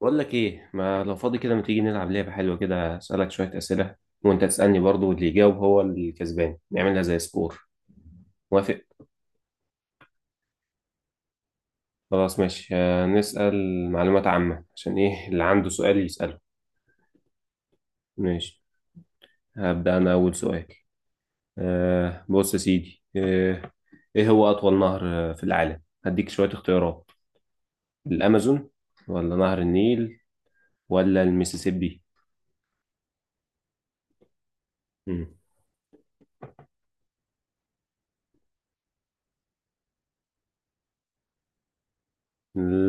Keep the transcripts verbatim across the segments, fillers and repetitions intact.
بقول لك ايه، ما لو فاضي كده ما تيجي نلعب لعبه حلوه كده اسالك شويه اسئله؟ وانت تسالني برضو، واللي يجاوب هو الكسبان، نعملها زي سكور. موافق؟ خلاص ماشي. آه، نسال معلومات عامه، عشان ايه اللي عنده سؤال يساله. ماشي. هبدا انا اول سؤال. آه بص يا سيدي. آه ايه هو اطول نهر آه، في العالم؟ هديك شويه اختيارات: الامازون، ولا نهر النيل، ولا المسيسيبي؟ مم.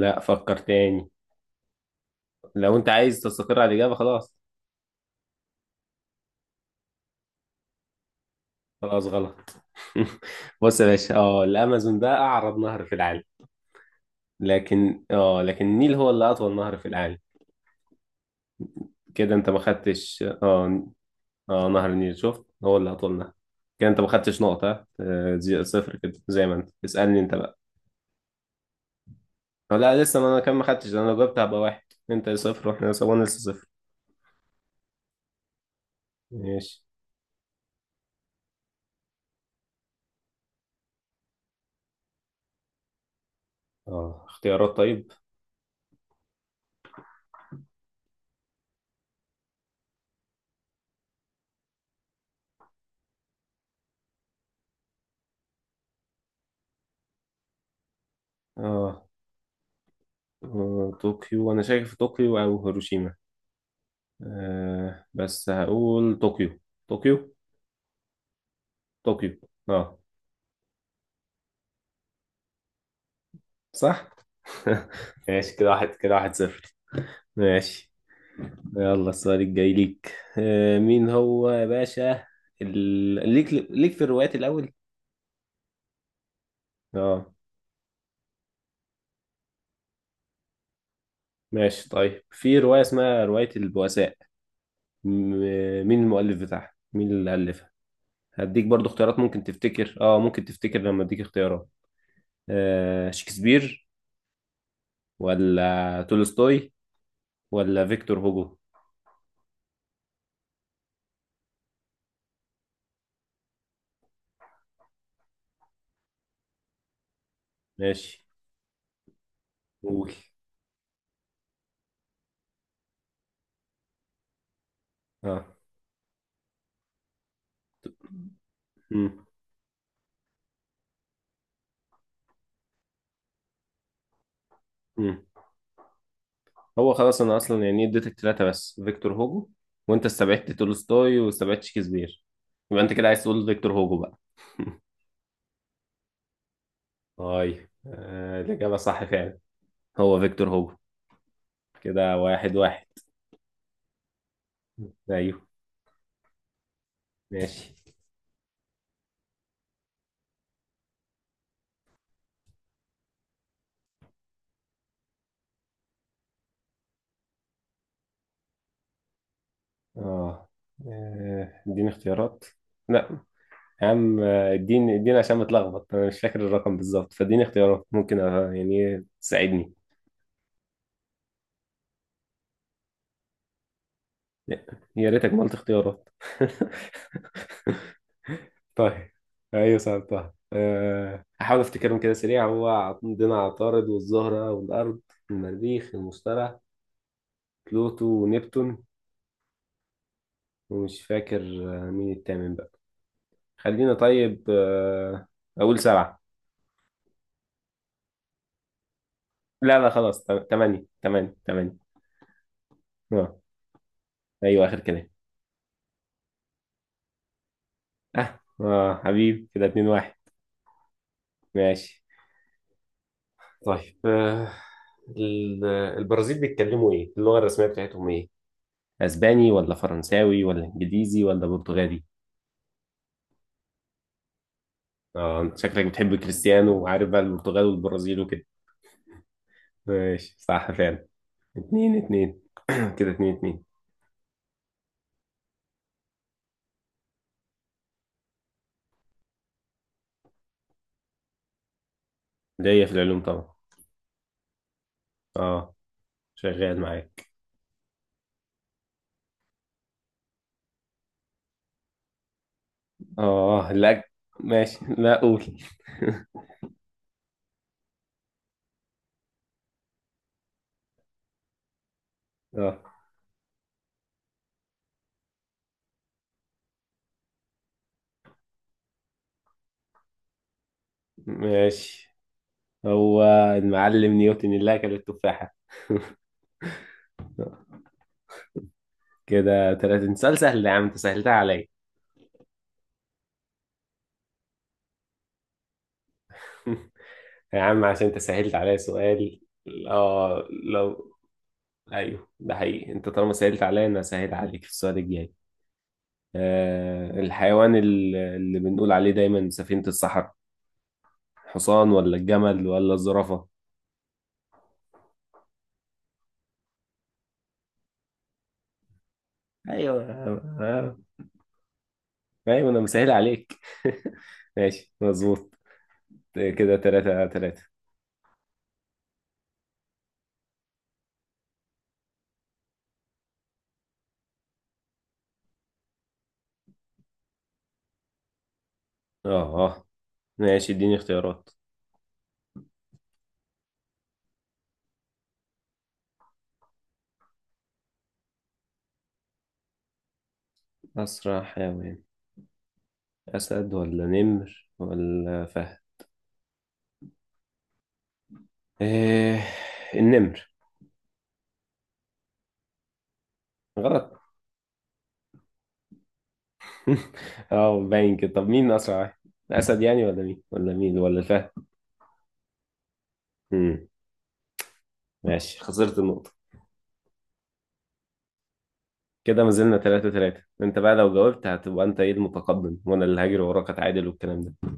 لا، فكر تاني. لو انت عايز تستقر على الاجابه خلاص. خلاص غلط. بص يا باشا، اه الامازون ده اعرض نهر في العالم، لكن اه لكن النيل هو اللي اطول نهر في العالم. كده انت ما خدتش. اه اه نهر النيل، شفت؟ هو اللي اطول نهر. كده انت ما خدتش نقطة. ها؟ آه، زي- صفر، كده زي ما انت اسألني انت بقى. آه، لا لسه، ما انا كان ما خدتش. انا لو جبت هبقى واحد. انت صفر، واحنا لسه وانا لسه صفر. ماشي. اه اختيارات طيب. اه آه، طوكيو، انا شايف طوكيو او هيروشيما. آه بس هقول طوكيو. طوكيو. طوكيو. اه، صح. ماشي، كده واحد، كده واحد صفر. ماشي. يلا، السؤال الجاي ليك. آه، مين هو يا باشا ال... ليك ليك في الروايات الأول؟ اه ماشي، طيب في رواية اسمها رواية البؤساء، م... مين المؤلف بتاعها؟ مين اللي ألفها؟ هديك برضو اختيارات، ممكن تفتكر اه ممكن تفتكر لما اديك اختيارات. آه شكسبير، ولا تولستوي، ولا فيكتور هوجو؟ ماشي، قول. اه مم. هو خلاص انا اصلا يعني اديتك ثلاثه، بس فيكتور هوجو وانت استبعدت تولستوي واستبعدت شكسبير، يبقى انت كده عايز تقول فيكتور هوجو بقى. طيب، آه الاجابه صح فعلا، هو فيكتور هوجو. كده واحد واحد. ايوه. ماشي. اه آه، اديني اختيارات. لا يا عم، آه، اديني اديني عشان بتلخبط، انا مش فاكر الرقم بالظبط، فاديني اختيارات ممكن آه، يعني تساعدني. يا ريتك ما قلت اختيارات. طيب. ايوه سألتها. أه هحاول افتكرهم كده سريع. هو عندنا عطارد، والزهرة، والأرض، المريخ، المشتري، بلوتو، ونبتون، ومش فاكر. آه، مين التامن بقى؟ خلينا طيب. أه أقول سبعة. لا لا خلاص، ت- تمانية. تمانية. تمانية. اه. أيوه آخر كلام. اه اه حبيبي، كده اتنين واحد. ماشي. طيب. أه ال- البرازيل بيتكلموا ايه؟ اللغة الرسمية بتاعتهم ايه؟ اسباني، ولا فرنساوي، ولا انجليزي، ولا برتغالي؟ اه، انت شكلك بتحب كريستيانو وعارف بقى البرتغال والبرازيل وكده. ماشي، صح فعلا. اتنين اتنين. كده اتنين اتنين. ليا في العلوم طبعا. اه شغال معاك. اه. لا، ماشي، لا قول. اه، ماشي، هو المعلم نيوتن اللي اكل التفاحة. كده تلاتة. انت سؤال سهل يا عم، انت سهلتها عليا. يا عم عشان انت سهلت عليا سؤال. اه. لو ايوه ده حقيقي، انت طالما سهلت عليا انا سهل عليك في السؤال الجاي. آه، الحيوان ال- اللي بنقول عليه دايما سفينة الصحراء، حصان، ولا الجمل، ولا الزرافة؟ ايوه. آه، ايوه انا مسهل عليك. ماشي، مظبوط. كده تلاتة تلاتة. اه اه. ماشي، اديني اختيارات. اسرع حيوان، اسد، ولا نمر، ولا فهد؟ إيه، النمر. غلط. اه، باين كده. طب مين اسرع واحد؟ الاسد يعني، ولا مين، ولا مين، ولا الفهد؟ امم. ماشي، خسرت النقطة. كده ما زلنا تلاتة تلاتة. انت بقى لو جاوبت هتبقى انت ايه المتقدم، وانا اللي هاجر وراك اتعادل والكلام ده.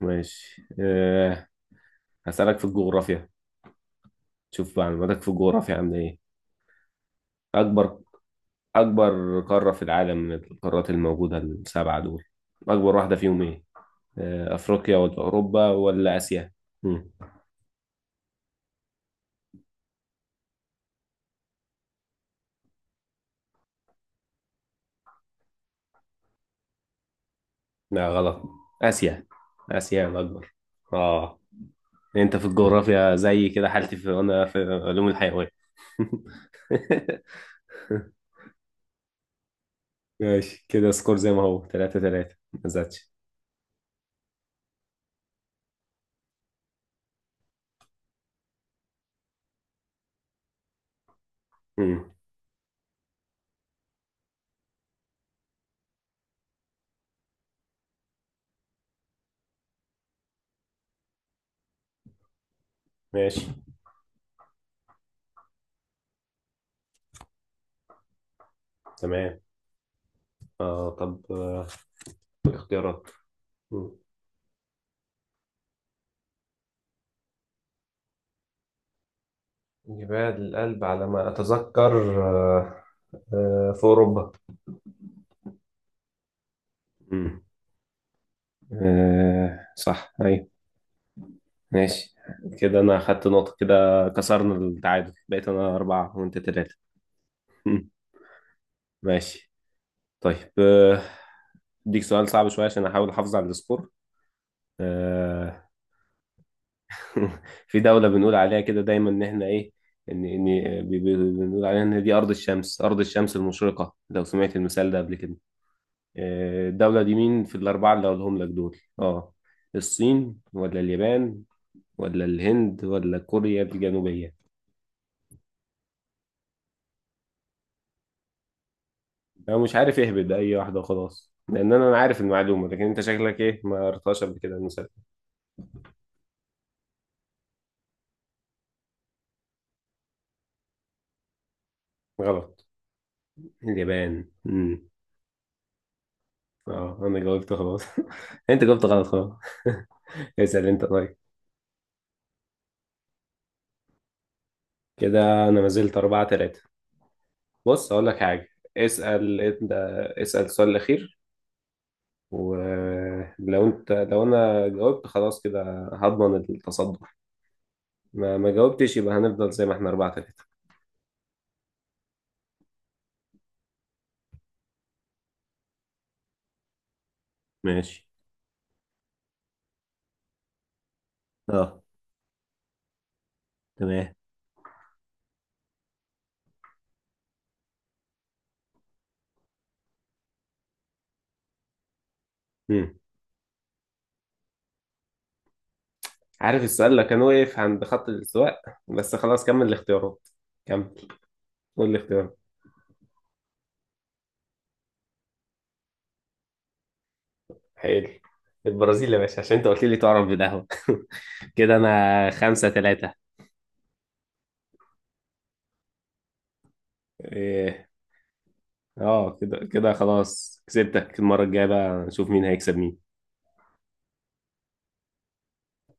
ماشي. أه هسألك في الجغرافيا، شوف معلوماتك في الجغرافيا عاملة ايه. اكبر اكبر قارة في العالم من القارات الموجودة السبعة دول، اكبر واحدة فيهم ايه؟ أه افريقيا، ولا اوروبا، ولا اسيا؟ مم. لا، غلط. اسيا. اسيا الاكبر. اه، انت في الجغرافيا زي كده حالتي، في انا في علوم الحيوان. ماشي، كده سكور زي ما هو، تلاتة تلاتة ما زادش. مم. ماشي، تمام. آه طب. آه الاختيارات. مم. جبال الألب على ما أتذكر. آه، آه، في أوروبا. مم. آه صح، أيوة. ماشي، كده أنا أخدت نقطة. كده كسرنا التعادل، بقيت أنا أربعة وأنت تلاتة. مم. ماشي. طيب. آه، أديك سؤال صعب شوية عشان أحاول أحافظ على السكور. آه في دولة بنقول عليها كده دايما إن إحنا إيه، إن إن بي- بي- بنقول عليها إن دي أرض الشمس أرض الشمس المشرقة، لو سمعت المثال ده قبل كده. آه، الدولة دي مين في الأربعة اللي هقولهم لك دول أه الصين، ولا اليابان، ولا الهند، ولا كوريا الجنوبية؟ أنا مش عارف اهبد أي واحدة وخلاص، لأن أنا عارف المعلومة، لكن أنت شكلك إيه ما قريتهاش قبل كده المثال. غلط. اليابان. مم. أه أنا جاوبت خلاص. أنت جاوبت غلط خلاص. اسأل أنت، طيب. كده انا ما زلت أربعة تلاتة. بص، اقول لك حاجة. اسأل انت. اسأل السؤال الأخير، ولو انت لو انا جاوبت خلاص كده هضمن التصدر. ما ما جاوبتش يبقى هنفضل زي ما احنا أربعة تلاتة. ماشي. اه، تمام. مم. عارف السؤال اللي كان واقف عند خط الاستواء. بس خلاص كمل الاختيارات. كمل. قول الاختيارات. حلو، البرازيل يا باشا، عشان انت قلت لي تعرف بالقهوة. كده انا خمسة تلاتة. إيه. اه، كده كده خلاص كسبتك. المرة الجاية بقى نشوف مين هيكسب مين.